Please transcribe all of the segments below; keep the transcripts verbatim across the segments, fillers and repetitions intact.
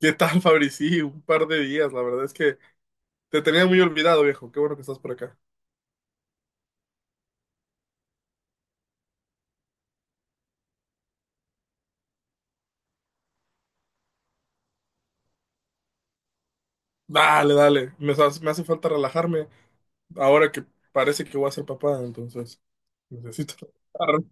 ¿Qué tal, Fabri? Sí, un par de días, la verdad es que te tenía muy olvidado, viejo. Qué bueno que estás por acá. Dale, dale. Me, hace me hace falta relajarme ahora que parece que voy a ser papá, entonces necesito relajarme.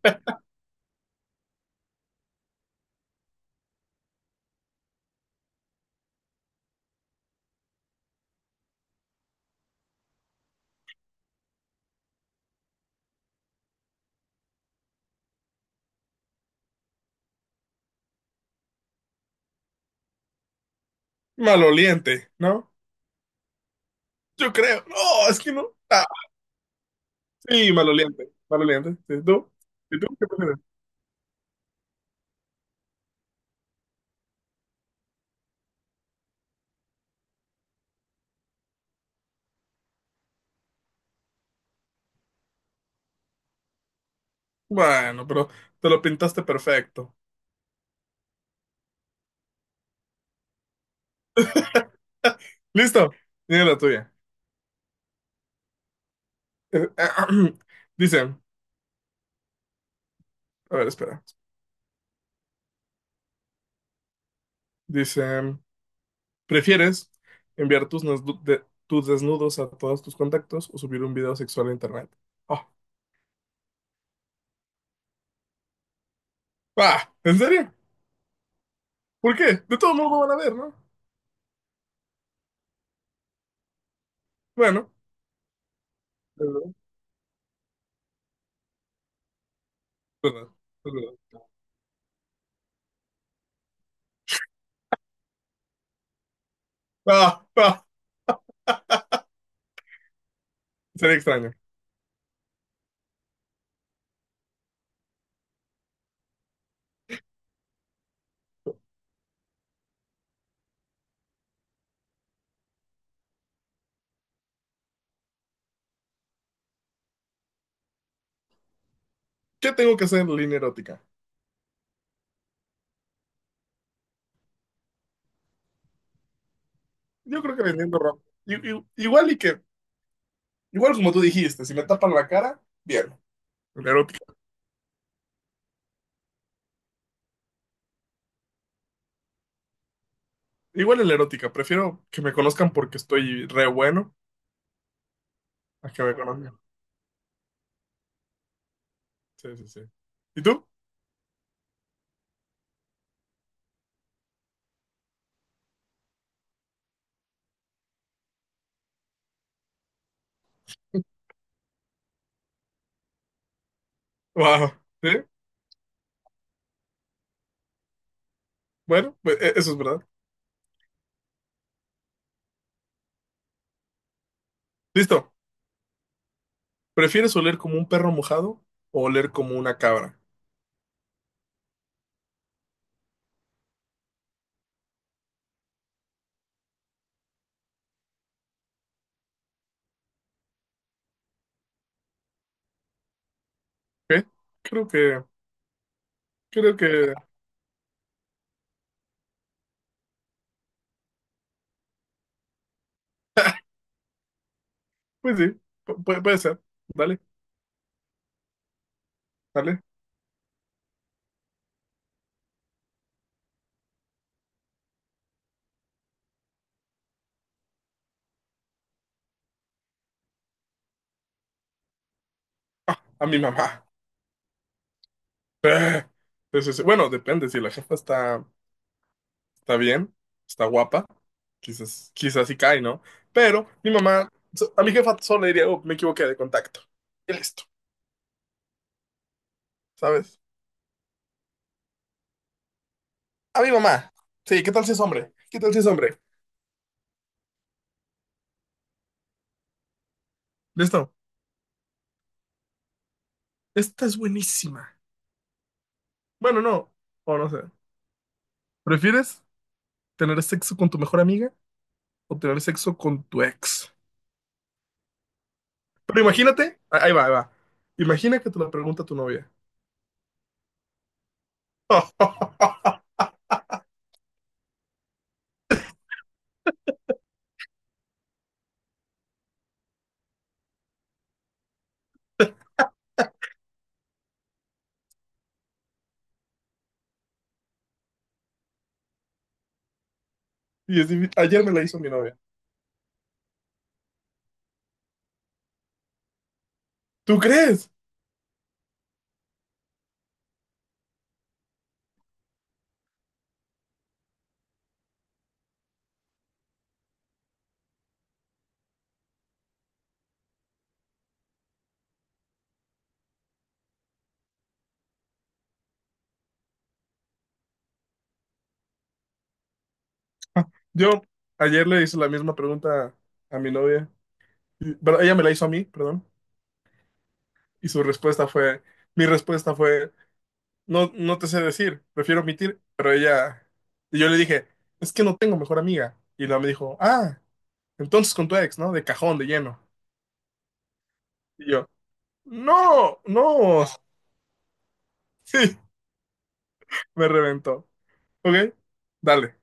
Maloliente, ¿no? Yo creo. No, es que no. Ah, sí, maloliente. Maloliente. ¿Y tú? ¿Y tú qué prefieres? Bueno, pero te lo pintaste perfecto. ¿Listo? Dime la tuya. Eh, Dice, a ver, espera. Dice. ¿Prefieres enviar tus, nasdu- de- tus desnudos a todos tus contactos o subir un video sexual a internet? Oh. Ah, ¿en serio? ¿Por qué? De todo modo van a ver, ¿no? Bueno, es verdad, es verdad, es verdad. Ah, ah, Sería extraño. ¿Qué tengo que hacer en línea erótica? Yo creo que vendiendo ropa. I- i- Igual y que, igual como tú dijiste, si me tapan la cara, bien. La erótica. Igual en la erótica, prefiero que me conozcan porque estoy re bueno a que me conozcan. Sí, sí, sí. ¿Y tú? Wow. ¿Sí? Bueno, pues, e- eso es verdad. Listo. ¿Prefieres oler como un perro mojado o oler como una cabra? ¿Ok? Creo que, creo que, pues sí, pu- puede, puede ser. Dale, dale. A mi mamá. Sí, sí, sí. Bueno, depende. Si la jefa está, está bien, está guapa, quizás, quizás sí cae, ¿no? Pero mi mamá, so- a mi jefa solo le diría, oh, me equivoqué de contacto. Y listo, ¿sabes? A mi mamá. Sí, ¿qué tal si es hombre? ¿Qué tal si es hombre? Listo. Esta es buenísima. Bueno, no. O no sé. ¿Prefieres tener sexo con tu mejor amiga o tener sexo con tu ex? Pero imagínate, ah, ahí va, ahí va. Imagina que te lo pregunta tu novia. Y es difí- ayer me la hizo mi novia. ¿Tú crees? Yo ayer le hice la misma pregunta a mi novia. Y- Pero ella me la hizo a mí, perdón. Y su respuesta fue, mi respuesta fue, no, no te sé decir, prefiero omitir. Pero ella, y yo le dije, es que no tengo mejor amiga. Y ella me dijo, ah, entonces con tu ex, ¿no? De cajón, de lleno. Y yo, no, no. Sí, me reventó. Ok, dale,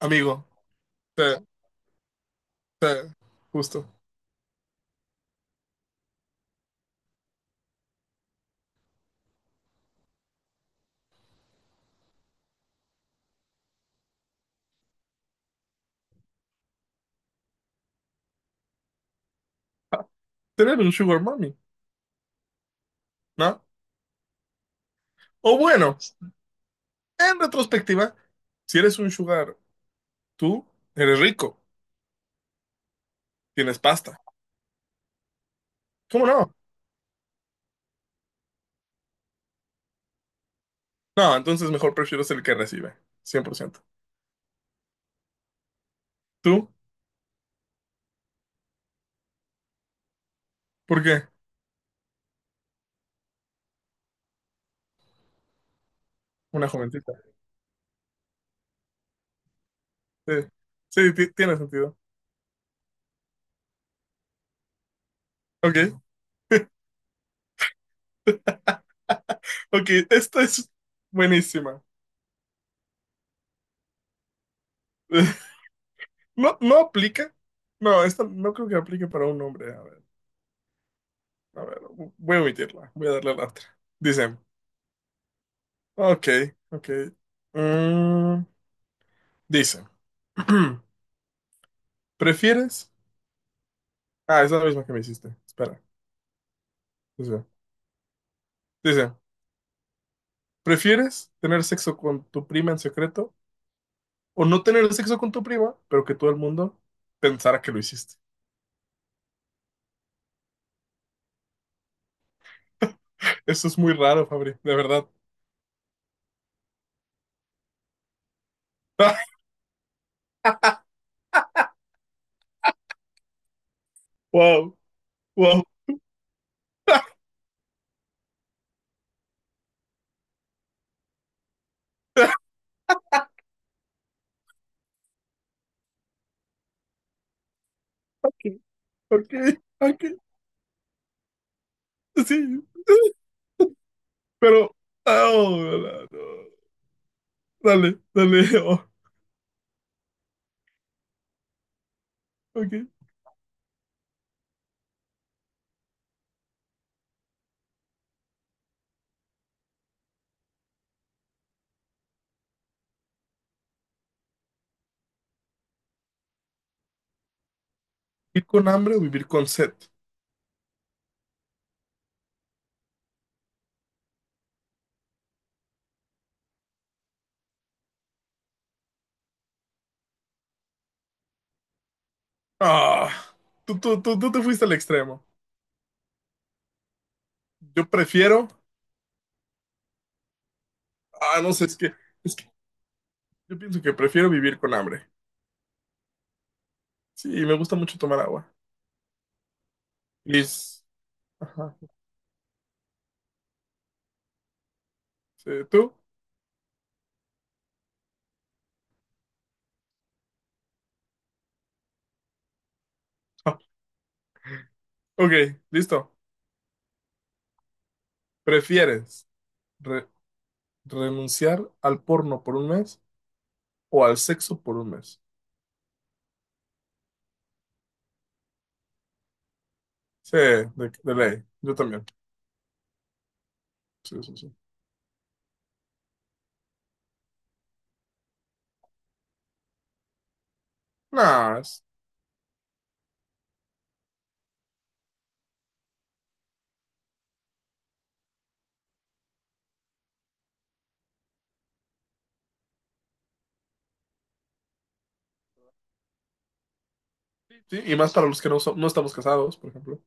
amigo. Te- te- justo. Ah, tú eres un sugar mommy, ¿no? O bueno, en retrospectiva, si eres un sugar, tú eres rico, tienes pasta. ¿Cómo no? No, entonces mejor prefiero ser el que recibe, cien por ciento. ¿Tú? ¿Por qué? Una jovencita. Sí, sí, ti- tiene sentido. Ok, ok, esta es buenísima. No, no aplica. No, esta no creo que aplique para un hombre. A ver, a ver, voy a omitirla. Voy a darle a la otra. Dice, ok, ok. Mm, dice, ¿prefieres? Ah, es la misma que me hiciste. Espera. Dice, dice, ¿prefieres tener sexo con tu prima en secreto o no tener sexo con tu prima, pero que todo el mundo pensara que lo hiciste? Eso es muy raro, Fabri, de verdad. Wow, wow. Ok, ok, ok. Sí. Pero, ah, oh, no, no. Dale, dale, oh, ok. ¿Vivir con hambre o vivir con sed? Ah, tú, tú, tú, tú te fuiste al extremo. Yo prefiero, ah, no sé, es que, es que yo pienso que prefiero vivir con hambre. Sí, me gusta mucho tomar agua. Liz, ajá, sí, ¿tú? Ah, ok, listo. ¿Prefieres re- renunciar al porno por un mes o al sexo por un mes? Sí, de, de ley, yo también. Sí, sí, sí. No, sí, y más para los que no, so- no estamos casados, por ejemplo.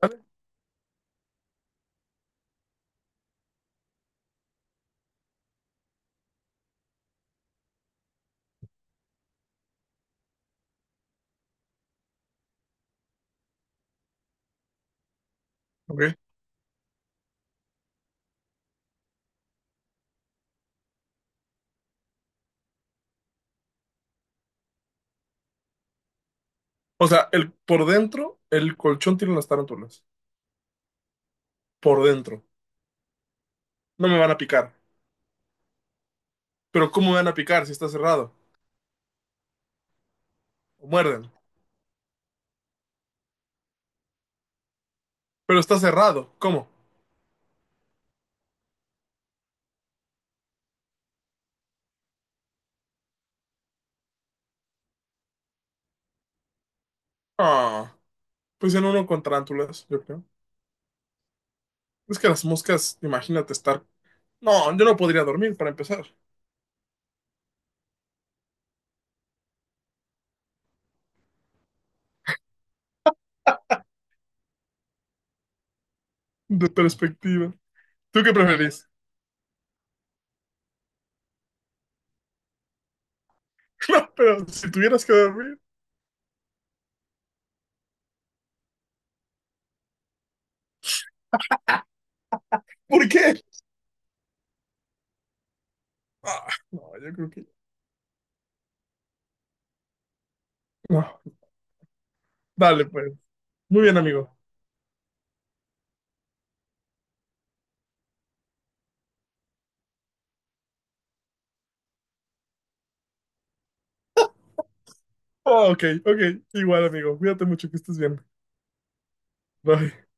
¿Vale? Ok. O sea, el, por dentro, el colchón tiene las tarántulas. Por dentro. No me van a picar. Pero ¿cómo me van a picar si está cerrado? O muerden. Pero está cerrado. ¿Cómo? Ah, pues en uno con tarántulas, yo creo. Es que las moscas, imagínate estar... No, yo no podría dormir para empezar. De perspectiva. ¿Tú qué preferís? No, pero si tuvieras que dormir. ¿Por qué? Ah, no, yo creo que... No. Dale, pues. Muy bien, amigo. Oh, ok, ok. Igual, amigo. Cuídate mucho, que estés bien. Bye.